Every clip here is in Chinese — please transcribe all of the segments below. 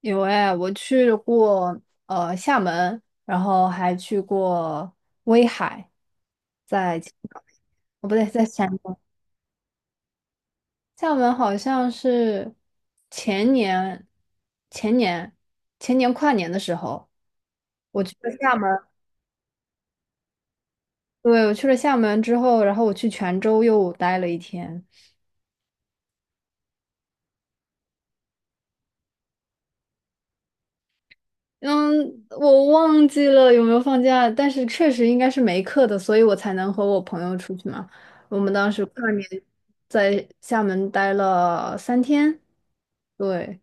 有哎，我去过厦门，然后还去过威海，在青哦不对，在厦门。厦门好像是前年、前年、前年跨年的时候去了厦门。对，我去了厦门之后，然后我去泉州又待了一天。嗯，我忘记了有没有放假，但是确实应该是没课的，所以我才能和我朋友出去嘛。我们当时跨年在厦门待了3天，对，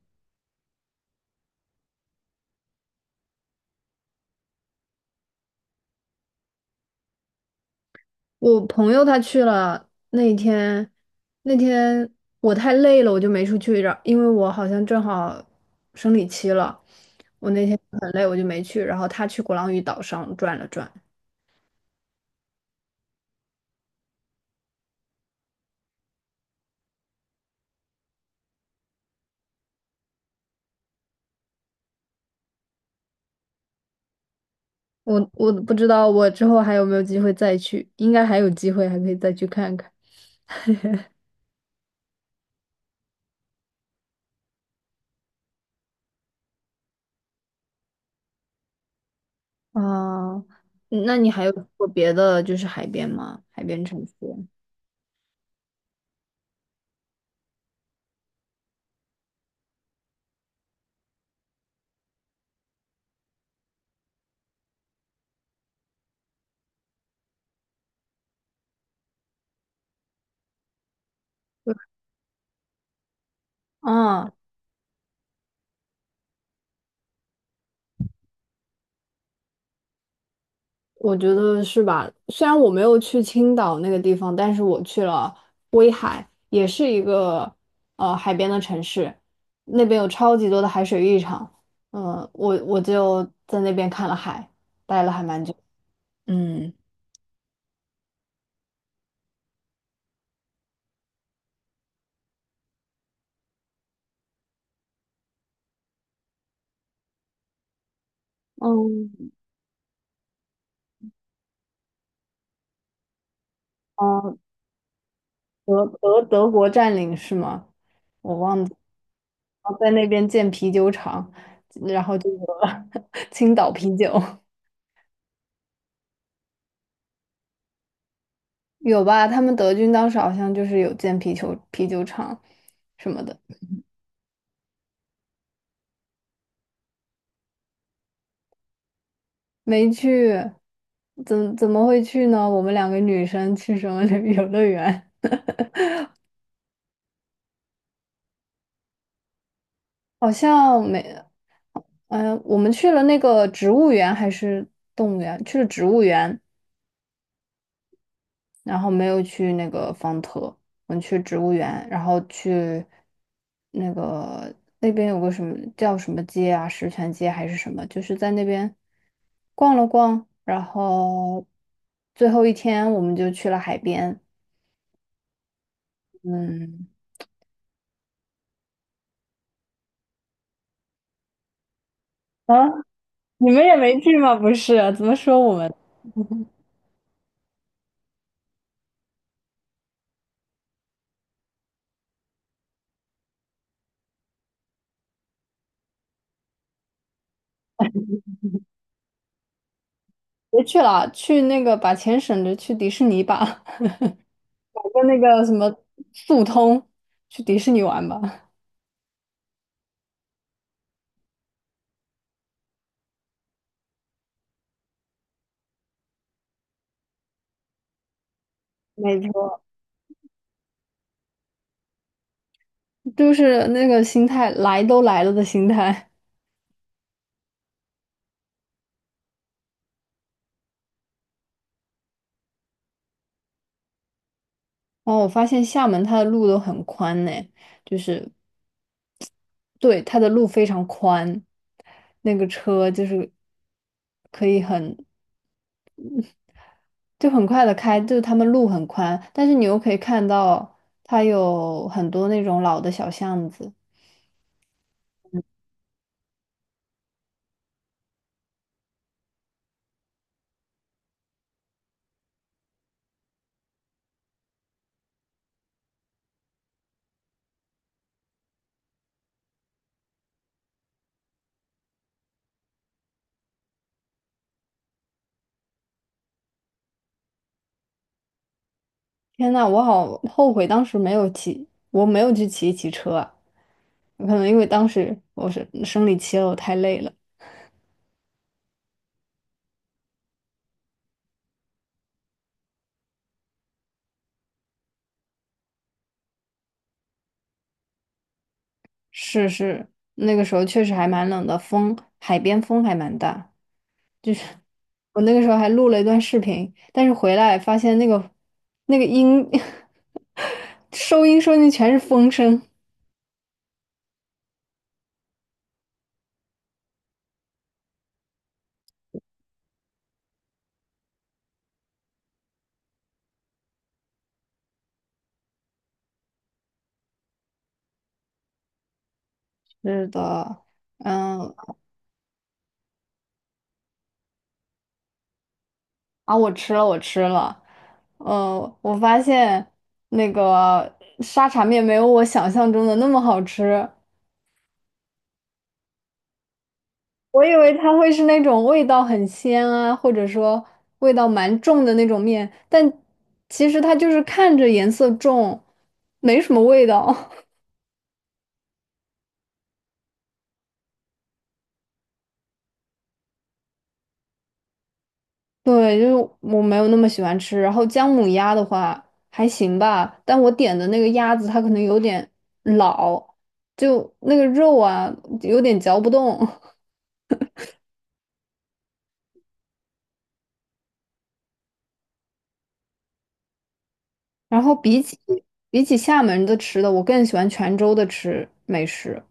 我朋友他去了那一天，那天我太累了，我就没出去，因为我好像正好生理期了，我那天很累，我就没去，然后他去鼓浪屿岛上转了转。我不知道我之后还有没有机会再去，应该还有机会，还可以再去看看。哦，那你还有去过别的就是海边吗？海边城市？啊，我觉得是吧？虽然我没有去青岛那个地方，但是我去了威海，也是一个海边的城市，那边有超级多的海水浴场。嗯，我就在那边看了海，待了还蛮久。嗯，嗯，哦德国占领是吗？我忘记，然后在那边建啤酒厂，然后就有了 青岛啤酒，有吧？他们德军当时好像就是有建啤酒厂什么的。没去，怎么会去呢？我们两个女生去什么旅 游乐园？好像没，嗯、我们去了那个植物园还是动物园？去了植物园，然后没有去那个方特，我们去植物园，然后去那个那边有个什么叫什么街啊，石泉街还是什么，就是在那边逛了逛，然后最后一天我们就去了海边。嗯，啊，你们也没去吗？不是，怎么说我们？别去了，去那个把钱省着去迪士尼吧，搞个那个什么速通，去迪士尼玩吧。没错。就是那个心态，来都来了的心态。然后我发现厦门它的路都很宽呢，就是对它的路非常宽，那个车就是可以很就很快的开，就是他们路很宽，但是你又可以看到它有很多那种老的小巷子。天呐，我好后悔当时没有骑，我没有去骑一骑车啊，可能因为当时我是生理期了，我太累了。是是，那个时候确实还蛮冷的，风，海边风还蛮大。就是 我那个时候还录了一段视频，但是回来发现那个那个音 收音收进去全是风声。是的，嗯，啊，我吃了，我吃了，我发现那个沙茶面没有我想象中的那么好吃。我以为它会是那种味道很鲜啊，或者说味道蛮重的那种面，但其实它就是看着颜色重，没什么味道。对，就是我没有那么喜欢吃。然后姜母鸭的话还行吧，但我点的那个鸭子它可能有点老，就那个肉啊有点嚼不动。然后比起厦门的吃的，我更喜欢泉州的美食。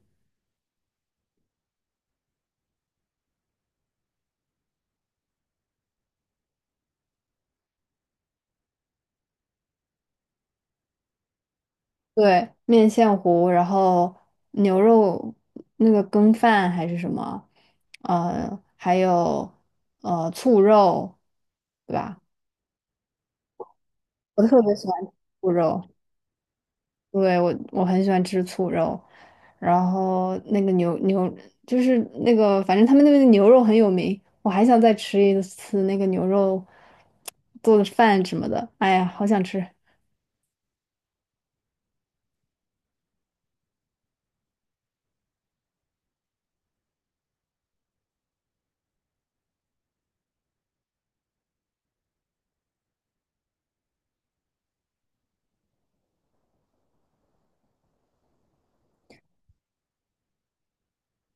对，面线糊，然后牛肉那个羹饭还是什么，还有醋肉，对吧？我特别喜欢吃醋肉，对，我很喜欢吃醋肉，然后那个牛就是那个，反正他们那边的牛肉很有名，我还想再吃一次那个牛肉做的饭什么的，哎呀，好想吃，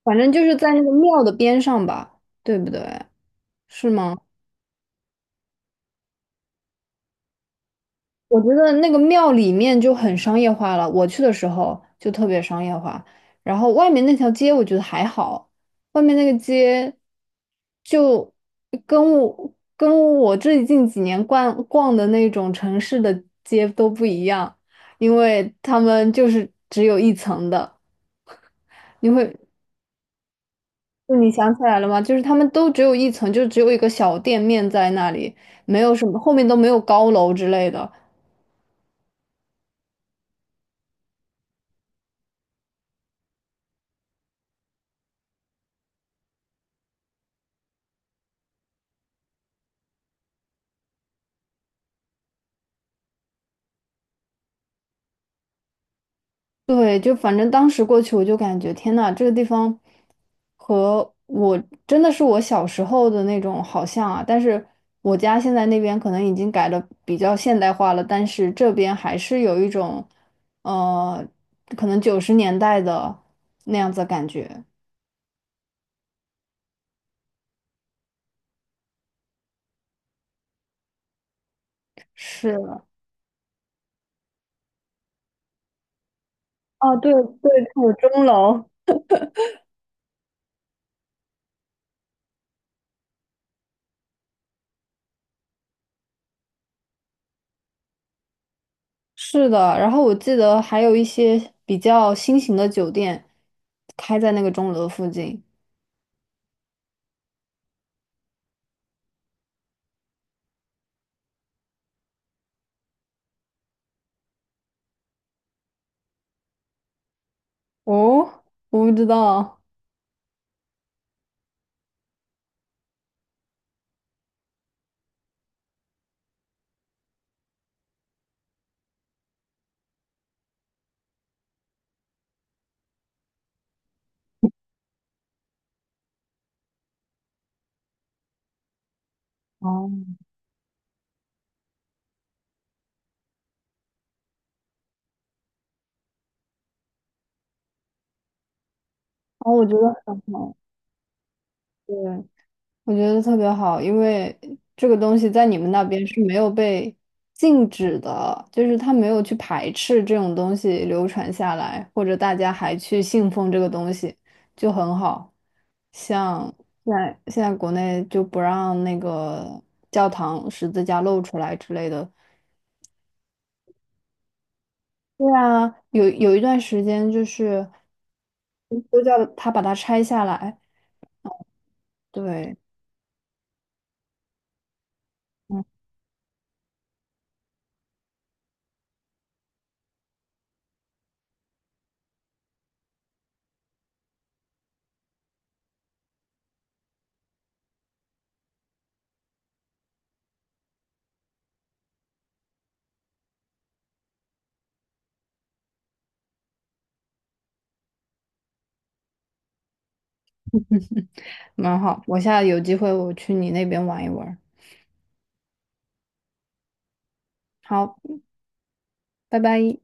反正就是在那个庙的边上吧，对不对？是吗？我觉得那个庙里面就很商业化了，我去的时候就特别商业化。然后外面那条街我觉得还好，外面那个街就跟我跟我最近几年逛逛的那种城市的街都不一样，因为他们就是只有一层的。你会，就你想起来了吗？就是他们都只有一层，就只有一个小店面在那里，没有什么，后面都没有高楼之类的。对，就反正当时过去，我就感觉天呐，这个地方和我真的是我小时候的那种好像啊。但是我家现在那边可能已经改的比较现代化了，但是这边还是有一种，呃，可能90年代的那样子的感觉。是，哦，对对，有钟楼。是的，然后我记得还有一些比较新型的酒店开在那个钟楼附近。哦，我不知道。哦，哦，我觉得很好，对，我觉得特别好，因为这个东西在你们那边是没有被禁止的，就是他没有去排斥这种东西流传下来，或者大家还去信奉这个东西，就很好。像现在国内就不让那个教堂十字架露出来之类的。对啊，有一段时间就是都叫他把它拆下来。对，蛮好。我下次有机会我去你那边玩一玩。好，拜拜。